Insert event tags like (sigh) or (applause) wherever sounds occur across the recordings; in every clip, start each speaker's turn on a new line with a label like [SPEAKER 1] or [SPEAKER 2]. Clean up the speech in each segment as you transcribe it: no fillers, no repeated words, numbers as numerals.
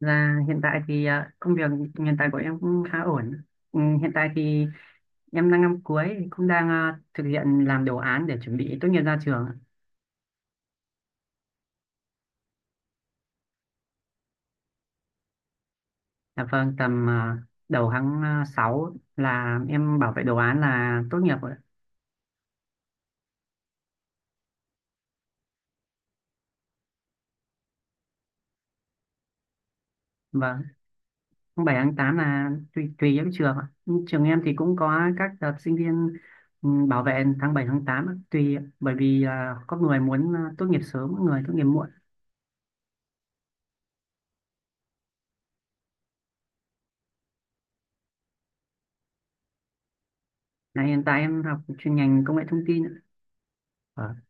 [SPEAKER 1] Là hiện tại thì công việc hiện tại của em cũng khá ổn. Ừ, hiện tại thì em đang năm cuối cũng đang thực hiện làm đồ án để chuẩn bị tốt nghiệp ra trường. Dạ vâng, tầm đầu tháng 6 là em bảo vệ đồ án là tốt nghiệp rồi. Vâng, tháng bảy tháng 8 là tùy tùy các trường ạ. Nhưng trường em thì cũng có các đợt sinh viên bảo vệ tháng 7 tháng 8 ạ, tùy ạ, bởi vì có người muốn tốt nghiệp sớm, có người tốt nghiệp muộn. Là hiện tại em học chuyên ngành công nghệ thông tin ạ. Vâng.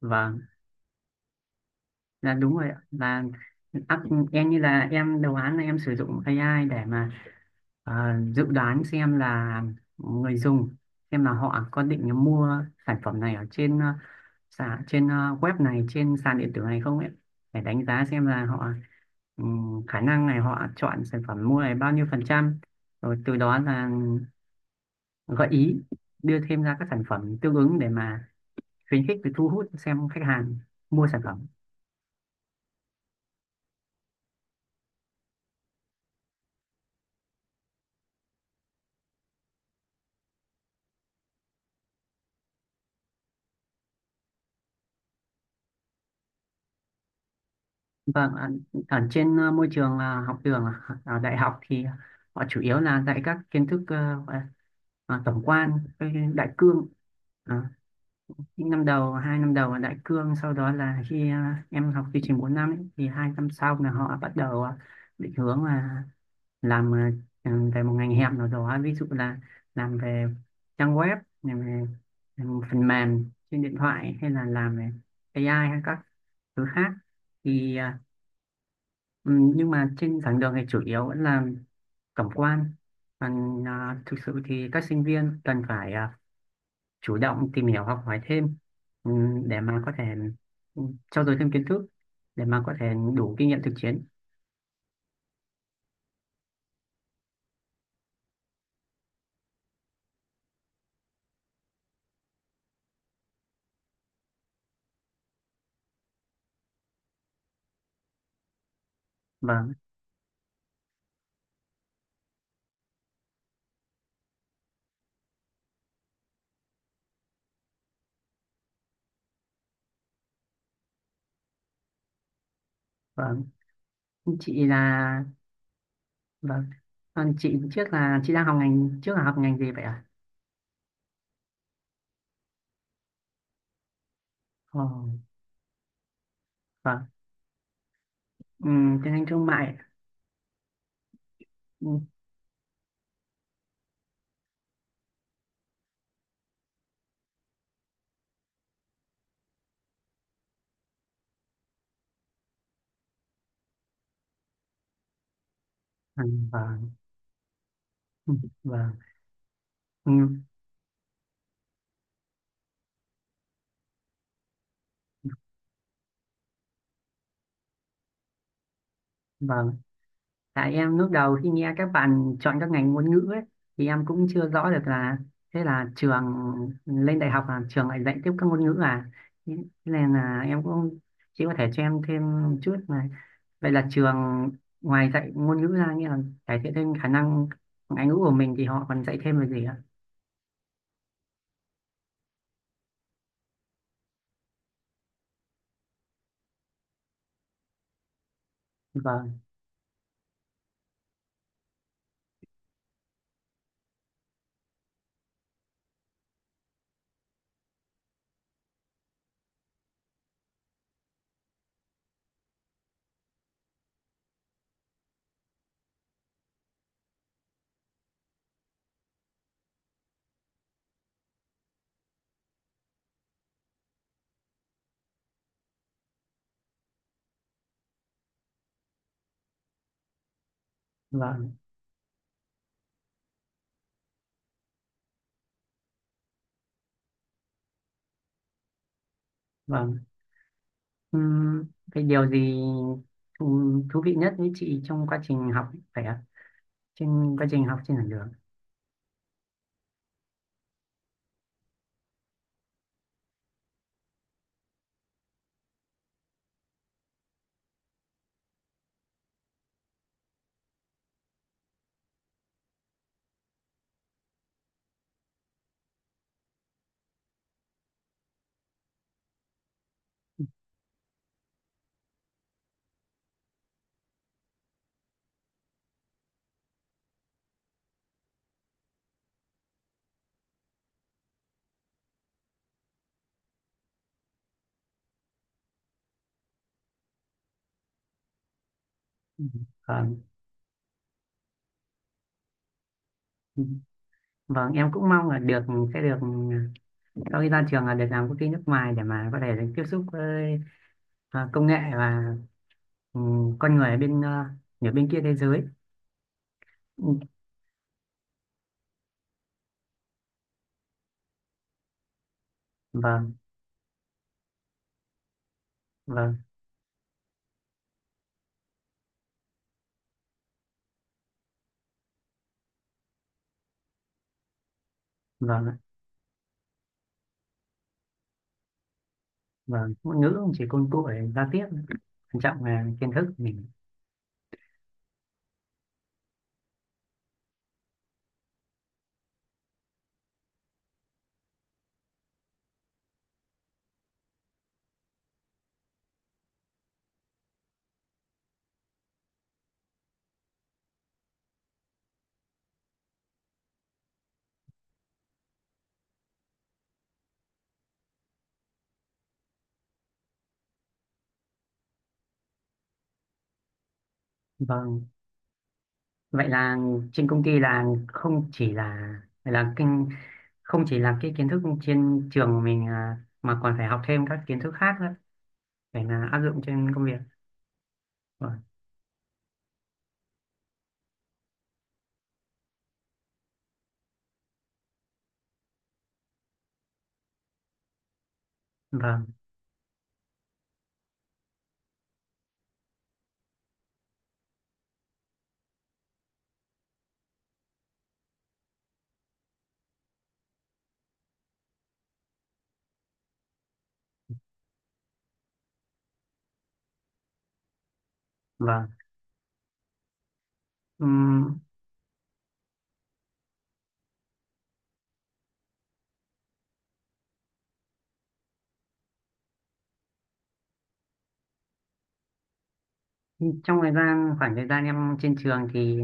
[SPEAKER 1] Vâng, là đúng rồi ạ. Là áp- em như là em đầu án là em sử dụng AI để mà ờ, dự đoán xem là người dùng xem là họ có định mua sản phẩm này ở trên sàn trên web này trên sàn điện tử này không ấy để đánh giá xem là họ khả năng này họ chọn sản phẩm mua này bao nhiêu phần trăm rồi từ đó là gợi ý đưa thêm ra các sản phẩm tương ứng để mà khuyến khích và thu hút xem khách hàng mua sản phẩm. Vâng ạ, ở trên môi trường học đường ở đại học thì họ chủ yếu là dạy các kiến thức gọi là, tổng quan, cái đại cương. Ờ, những năm đầu, 2 năm đầu là đại cương, sau đó là khi em học chương trình 4 năm ấy, thì 2 năm sau là họ bắt đầu định hướng là làm về một ngành hẹp nào đó, ví dụ là làm về trang web, làm về làm phần mềm trên điện thoại hay là làm về AI hay các thứ khác. Thì ừ, nhưng mà trên giảng đường thì chủ yếu vẫn là tổng quan còn thực sự thì các sinh viên cần phải chủ động tìm hiểu học hỏi thêm ừ, để mà có thể ừ, trau dồi thêm kiến thức để mà có thể đủ kinh nghiệm thực chiến. Vâng, vâng. chị là Vâng, còn chị trước là chị đang học ngành trước là học ngành gì vậy ạ? Ồ, vâng. Ừ, tiếng Anh thương mại. Ừ, vâng, vâng, ừ, vâng, ừ, vâng. Tại em lúc đầu khi nghe các bạn chọn các ngành ngôn ngữ ấy, thì em cũng chưa rõ được là thế là trường lên đại học là trường lại dạy tiếp các ngôn ngữ à. Thế nên là em cũng chỉ có thể cho em thêm chút mà. Vậy là trường ngoài dạy ngôn ngữ ra nghĩa là cải thiện thêm khả năng ngoại ngữ của mình thì họ còn dạy thêm về gì ạ? Vâng, vâng, vâng. Ừm, cái điều gì thú, thú vị nhất với chị trong quá trình học phải ạ? Trên quá trình học trên giảng đường. Ừm. Vâng. Vâng, em cũng mong là được sẽ được sau khi ra trường là được làm công ty nước ngoài để mà có thể được tiếp xúc với công nghệ và ừ, con người ở bên ở bên kia thế giới. Ừ, vâng, vâng, vâng ạ, vâng. Ngôn ngữ cũng chỉ công cụ để giao tiếp, quan trọng là kiến thức của mình. Vâng. Vậy là trên công ty là không chỉ là kinh không chỉ là cái kiến thức trên trường của mình à, mà còn phải học thêm các kiến thức khác nữa để là áp dụng trên công việc. Vâng, vâng, vâng. Ừm, trong thời gian khoảng thời gian em trên trường thì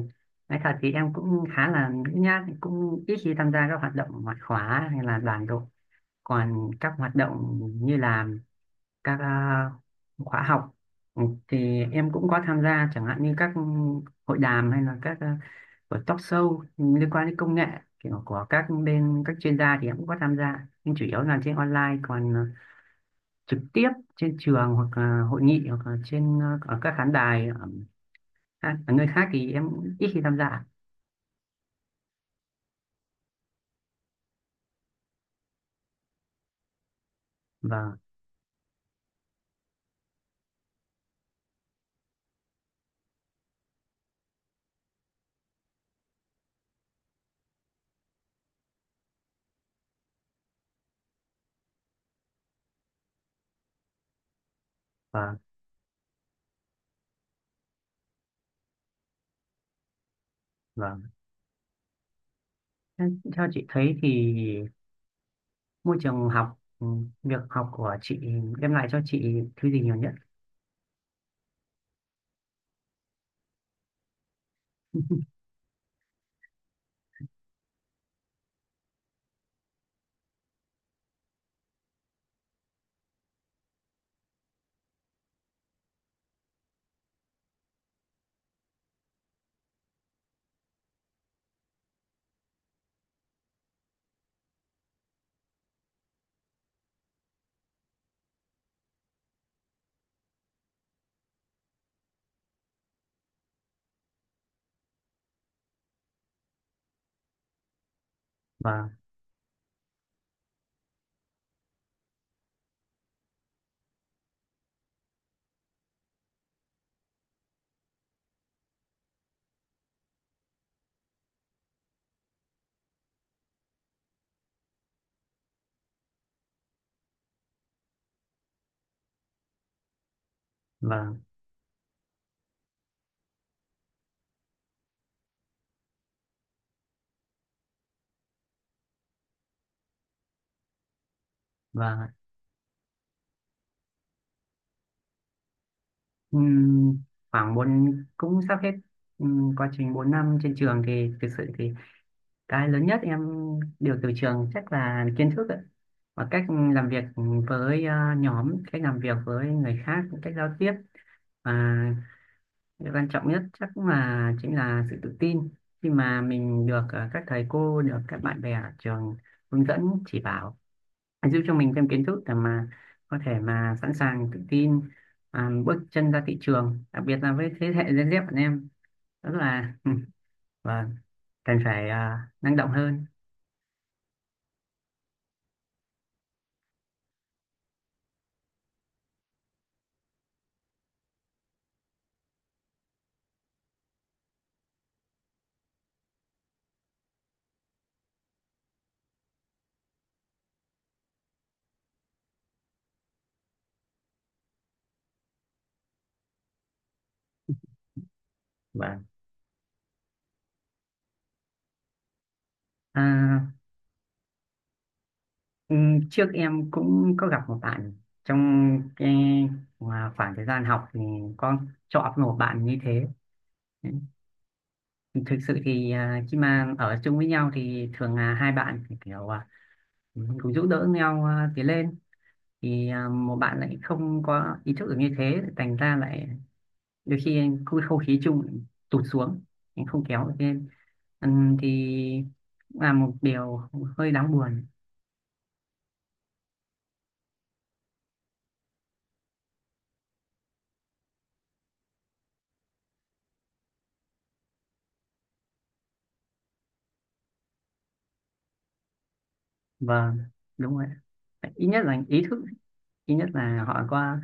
[SPEAKER 1] nói thật thì em cũng khá là nhút nhát cũng ít khi tham gia các hoạt động ngoại khóa hay là đoàn đội, còn các hoạt động như là các khóa học thì em cũng có tham gia chẳng hạn như các hội đàm hay là các và talk show liên quan đến công nghệ, kiểu có các bên các chuyên gia thì em cũng có tham gia nhưng chủ yếu là trên online, còn trực tiếp trên trường hoặc là hội nghị hoặc là trên ở các khán đài ở, ở nơi khác thì em cũng ít khi tham gia. Và và và theo chị thấy thì môi trường học việc học của chị đem lại cho chị thứ gì nhiều nhất? (laughs) và và và Ừm, khoảng bốn cũng sắp hết. Quá trình 4 năm trên trường thì thực sự thì cái lớn nhất em được từ trường chắc là kiến thức ạ, và cách làm việc với nhóm, cách làm việc với người khác, cách giao tiếp và điều quan trọng nhất chắc cũng là chính là sự tự tin khi mà mình được các thầy cô được các bạn bè ở trường hướng dẫn chỉ bảo giúp cho mình thêm kiến thức để mà có thể mà sẵn sàng tự tin bước chân ra thị trường, đặc biệt là với thế hệ Gen Z bọn em rất là vâng cần phải năng động hơn. Vâng. À, ừ, trước em cũng có gặp một bạn trong cái mà khoảng thời gian học thì có chọn một bạn như thế. Ừ, thực sự thì khi mà ở chung với nhau thì thường là hai bạn thì kiểu cùng giúp đỡ nhau tiến lên, thì một bạn lại không có ý thức được như thế thành ra lại đôi khi cái không khí chung lại tụt xuống, anh không kéo được lên. Thì là một điều hơi đáng buồn. Vâng, đúng rồi. Ít nhất là ý thức, ít nhất là họ có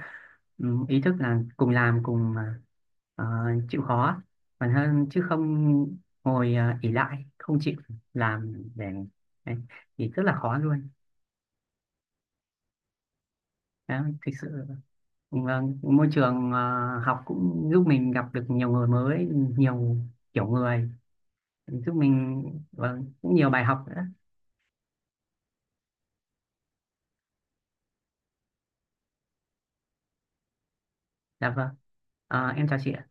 [SPEAKER 1] ý thức là cùng làm cùng ờ, chịu khó, còn hơn chứ không ngồi ỷ lại không chịu làm để đấy, thì rất là khó luôn. Đó, thực sự. Vâng, môi trường học cũng giúp mình gặp được nhiều người mới, nhiều kiểu người, giúp mình, vâng, cũng nhiều bài học nữa. Dạ vâng. À, em chào chị ạ.